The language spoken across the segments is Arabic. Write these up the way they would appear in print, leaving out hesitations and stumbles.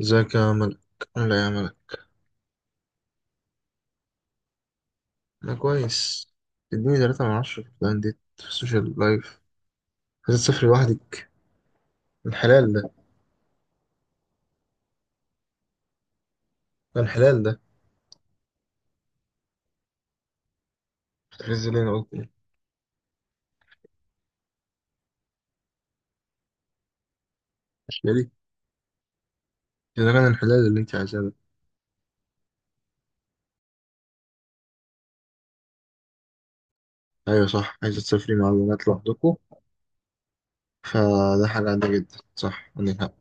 ازيك يا ملك؟ لا يا ملك. انا كويس. اديني 3 من 10 في الانديت في السوشيال لايف. عايز تسافر لوحدك؟ الحلال ده. الحلال ده. هتحرز لي انا قلت ايه؟ مش ليه؟ اذا كان الحلال اللي انت عايزاه ده. ايوه صح، عايزه تسافري مع البنات لوحدكم، فده حاجه عاديه جدا، صح، عندك حق.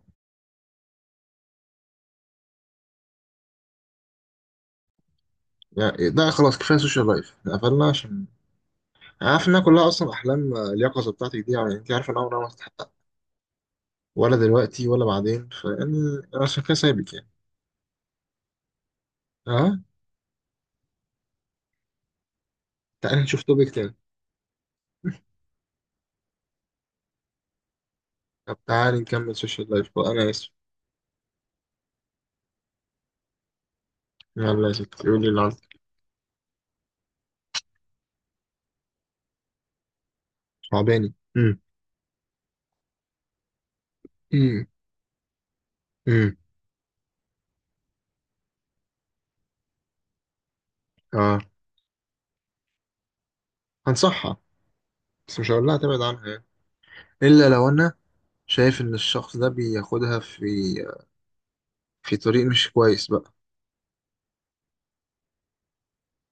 يعني ده خلاص، كفايه سوشيال لايف، احنا قفلنا، عشان عارف انها كلها اصلا احلام، اليقظه بتاعتك دي، يعني انت عارفه ان عمرها ما هتتحقق، ولا دلوقتي ولا بعدين، فيعني أنا عشان كده سايبك يعني. اه، تعالى نشوف توبيك تاني. طب تعالي نكمل سوشيال لايف بقى، انا اسف. يلا يا ستي قولي اللي عندك. صعباني. امم. امم. امم. اه. هنصحها، بس مش هقول لها تبعد عنها يعني، الا لو انا شايف ان الشخص ده بياخدها في طريق مش كويس بقى.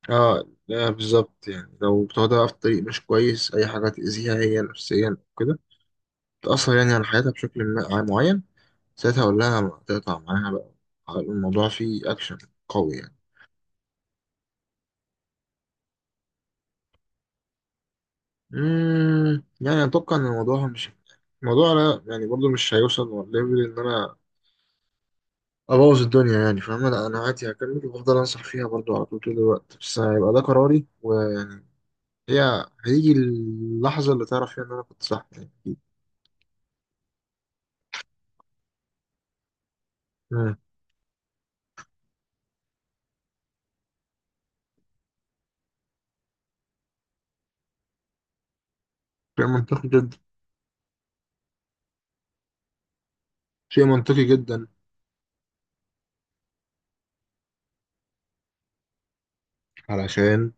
اه، لا بالظبط، يعني لو بتاخدها في طريق مش كويس، اي حاجه تاذيها هي نفسيا كده، تاثر يعني على حياتها بشكل معين، ساعتها اقول لها تقطع معاها بقى. الموضوع فيه اكشن قوي يعني. يعني اتوقع ان الموضوع مش، الموضوع، لا يعني برضو مش هيوصل ليفل ان انا ابوظ الدنيا، يعني فاهم، لا انا عادي هكمل وهفضل انصح فيها برضو على طول، طول الوقت، بس هيبقى ده قراري، ويعني هي هيجي اللحظه اللي تعرف فيها ان انا كنت صح يعني أكيد. مم. شيء منطقي جدا. شيء منطقي جدا. علشان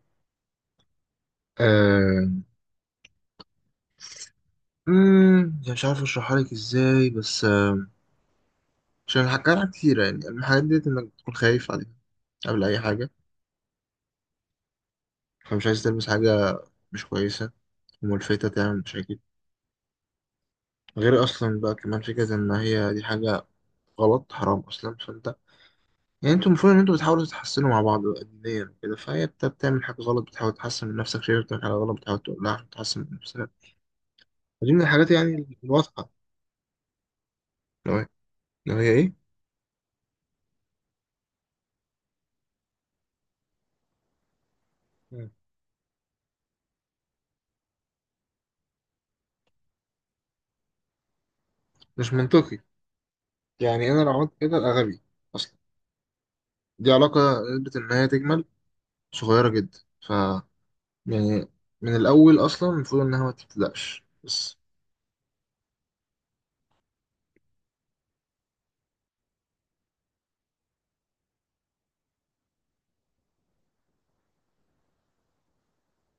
آه... يعني مش عارف اشرحها لك ازاي بس عشان حكى لها كتير، يعني الحاجات ديت انك تكون خايف عليها قبل اي حاجه، فمش عايز تلمس حاجه مش كويسه وملفتة تعمل مشاكل، غير أصلا بقى كمان فكرة إن هي دي حاجة غلط حرام أصلا، فأنت يعني أنتوا المفروض إن أنتوا بتحاولوا تتحسنوا مع بعض دينيا وكده، فهي، أنت بتعمل حاجة غلط بتحاول تحسن من نفسك، شايف بتعمل حاجة غلط بتحاول تقولها عشان تحسن من نفسك، ودي من الحاجات يعني الواضحة. لو هي لو هي إيه؟ مم. مش منطقي، يعني أنا لو عملت كده أبقى غبي. أصلا دي علاقة، نسبة إن هي تجمل صغيرة جدا، ف يعني من الأول أصلا المفروض إنها ما تبتدأش بس.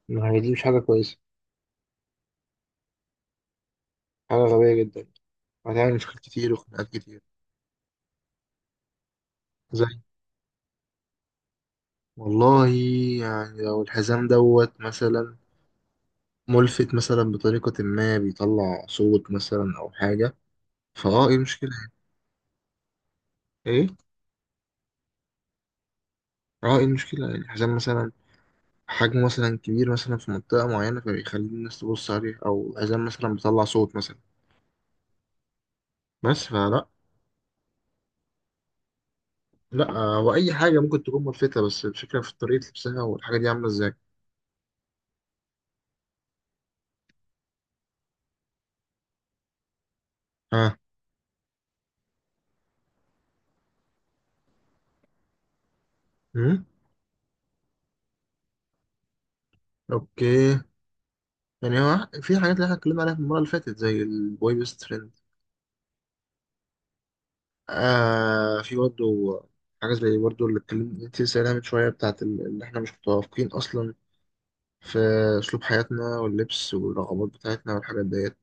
ما هي دي مش حاجة كويسة، حاجة غبية جدا، هتعمل مشاكل كتير وخناقات كتير. زي، والله، يعني لو الحزام دوت مثلا ملفت مثلا بطريقة، ما بيطلع صوت مثلا أو حاجة، فأه إيه المشكلة؟ إيه؟ أه، إيه المشكلة؟ يعني الحزام مثلا حجمه مثلا كبير مثلا في منطقة معينة فبيخلي الناس تبص عليه، أو الحزام مثلا بيطلع صوت مثلا. بس فلا. لا، وأي حاجة ممكن تكون ملفتة، بس الفكرة في طريقة لبسها، والحاجة دي عاملة إزاي. ها؟ أمم؟ أوكي. يعني هو في حاجات اللي احنا اتكلمنا عليها في المرة اللي فاتت زي البوي بيست فريند. آه، في برضه حاجة زي برضه اللي اتكلمت انت لسه قايلها من شوية، بتاعت اللي احنا مش متوافقين أصلا في أسلوب حياتنا واللبس والرغبات بتاعتنا والحاجات ديت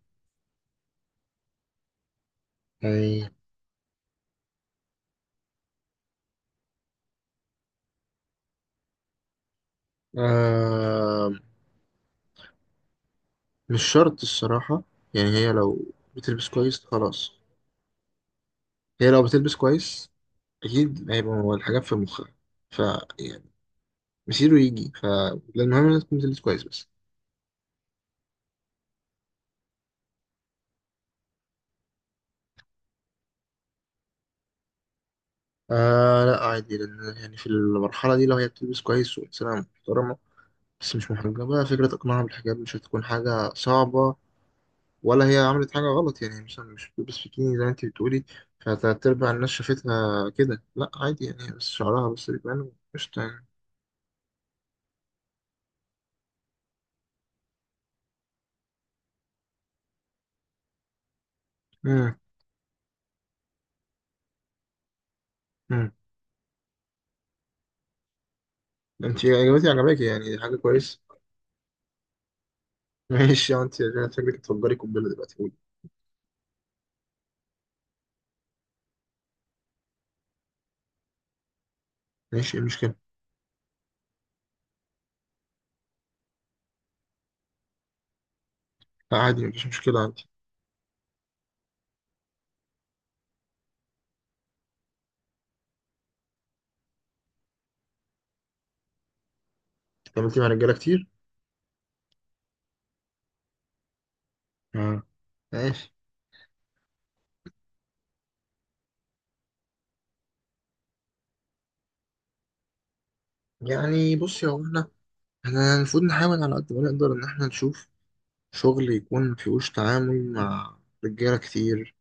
يعني. آه، مش شرط الصراحة، يعني هي لو بتلبس كويس خلاص. هي لو بتلبس كويس أكيد هيبقى هو الحاجات في مخها، ف يعني مسيره يجي، ف المهم إنها تكون بتلبس كويس بس. آه لا عادي، لأن يعني في المرحلة دي لو هي بتلبس كويس وإنسانة محترمة، بس مش محرجة بقى، فكرة إقناعها بالحجاب مش هتكون حاجة صعبة، ولا هي عملت حاجة غلط، يعني مثلا مش بتلبس بيكيني زي ما أنت بتقولي، فتلات أرباع الناس شافتها كده، لأ عادي، يعني هي بس شعرها بس بيبان، قشطة يعني. مم. مم. أنت إجابتي عجباكي، يعني دي حاجة كويسة. ماشي يا أنت، أنا فاكرك تفجري قنبلة دلوقتي، قولي. ماشي، إيه المشكلة؟ لأ عادي مفيش مشكلة أنت. اتعاملتي مع رجالة كتير؟ مم. ماشي. يعني بصي يا هو احنا، احنا المفروض نحاول على قد ما نقدر إن احنا نشوف شغل يكون مفيهوش تعامل مع رجالة كتير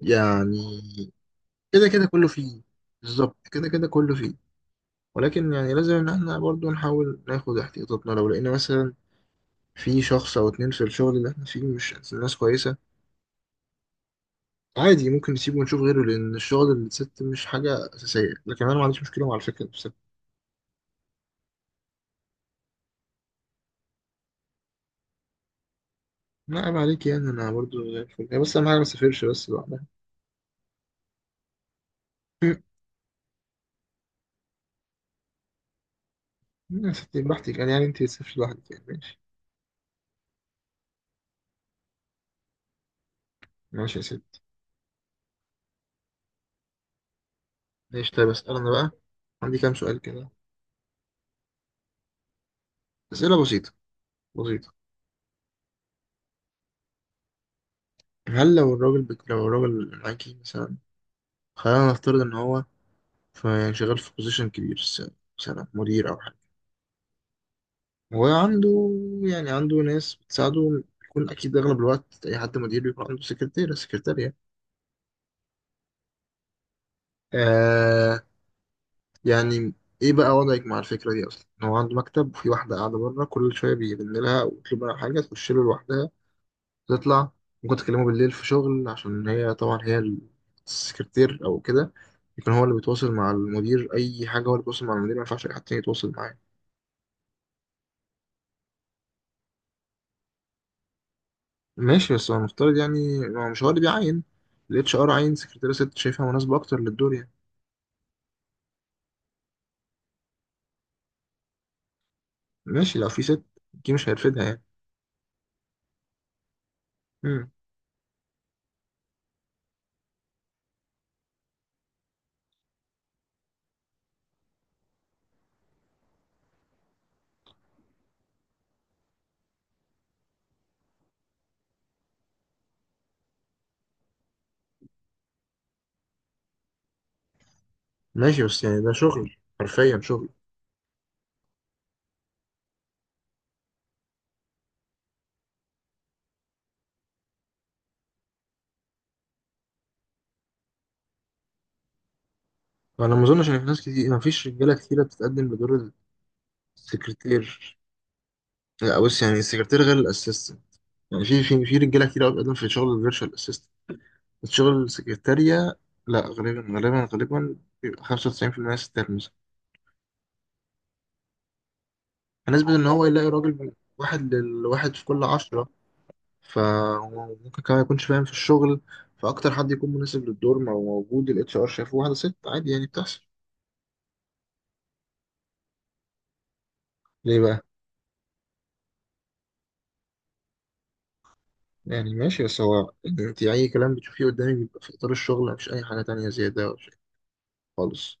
يعني. كده كده كله فيه. بالظبط، كده كده كله فيه، ولكن يعني لازم إن احنا برضو نحاول ناخد احتياطاتنا، لو لقينا مثلا في شخص أو اتنين في الشغل اللي احنا فيه مش ناس كويسة، عادي ممكن نسيبه ونشوف غيره، لأن الشغل اللي ست مش حاجة أساسية، لكن أنا ما عنديش مشكلة مع الفكرة بس. لا عيب عليك، يعني أنا برضو زي الفل، هي بس أهم حاجة ما تسافرش بس لوحدها. يا ستي براحتك، يعني أنت تسافري لوحدك، يعني ماشي. ماشي يا ستي. ماشي طيب، اسأل أنا بقى. عندي كام سؤال كده، أسئلة بسيطة، بسيطة. هل لو الراجل اللي معاكي مثلا، خلينا نفترض إن هو يعني شغال في بوزيشن كبير، مثلا مدير أو حاجة، وعنده، يعني عنده ناس بتساعده، بيكون أكيد أغلب الوقت أي حد مدير بيكون عنده سكرتيرة سكرتارية. آه يعني إيه بقى وضعك مع الفكرة دي أصلا؟ إن هو عنده مكتب، وفي واحدة قاعدة بره كل شوية بيرن لها ويطلب منها حاجة تخش له لوحدها، تطلع، ممكن تكلمه بالليل في شغل، عشان هي السكرتير أو كده، يكون هو اللي بيتواصل مع المدير، أي حاجة هو اللي بيتواصل مع المدير، ما ينفعش أي حد تاني يتواصل معاه. ماشي بس هو المفترض، يعني ما هو مش هو اللي بيعين، ال HR عين سكرتيرة ست شايفها مناسبة أكتر للدور يعني. ماشي لو في ست، دي مش هيرفدها يعني. مم. ماشي بس يعني ده شغل، حرفيا شغل. فأنا ما أظنش إن في ناس كتير، ما فيش رجالة كتيرة بتتقدم بدور السكرتير. لا بص، يعني السكرتير غير الأسيستنت. يعني في رجالة كتير قوي بتقدم في شغل الفيرتشوال، الشغل السكرتارية، لا غالبا غالبا غالبا بيبقى 95% ستات مثلا. فنسبة إن هو يلاقي راجل من واحد لواحد في كل 10، فهو ممكن كمان يكونش فاهم في الشغل، فأكتر حد يكون مناسب للدور ما هو موجود، ال HR شايفه واحدة ست، عادي يعني، بتحصل. ليه بقى؟ يعني ماشي بس هو أنت أي كلام بتشوفيه قدامك بيبقى في إطار الشغل، مفيش أي حاجة تانية زيادة ولا شيء خالص.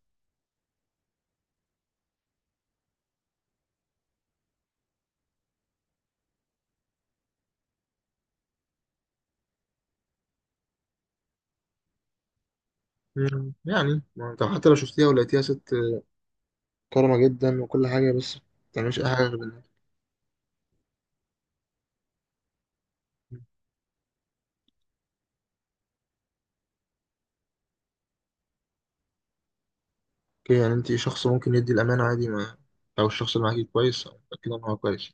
يعني ما أنت حتى لو شفتيها ولقيتيها ست كرمة جدا وكل حاجة، بس ما بتعملش أي حاجة غير إنها. اوكي، يعني انت شخص ممكن يدي الامانه، عادي ما او الشخص اللي معاكي كويس، أو متاكده ان هو كويس.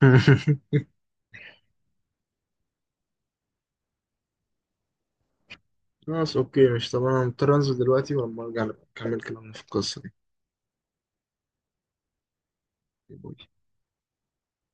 خلاص اوكي، مش، طب انا مضطر انزل دلوقتي، ولما ارجع نبقى نكمل كلامنا في القصه دي. باي.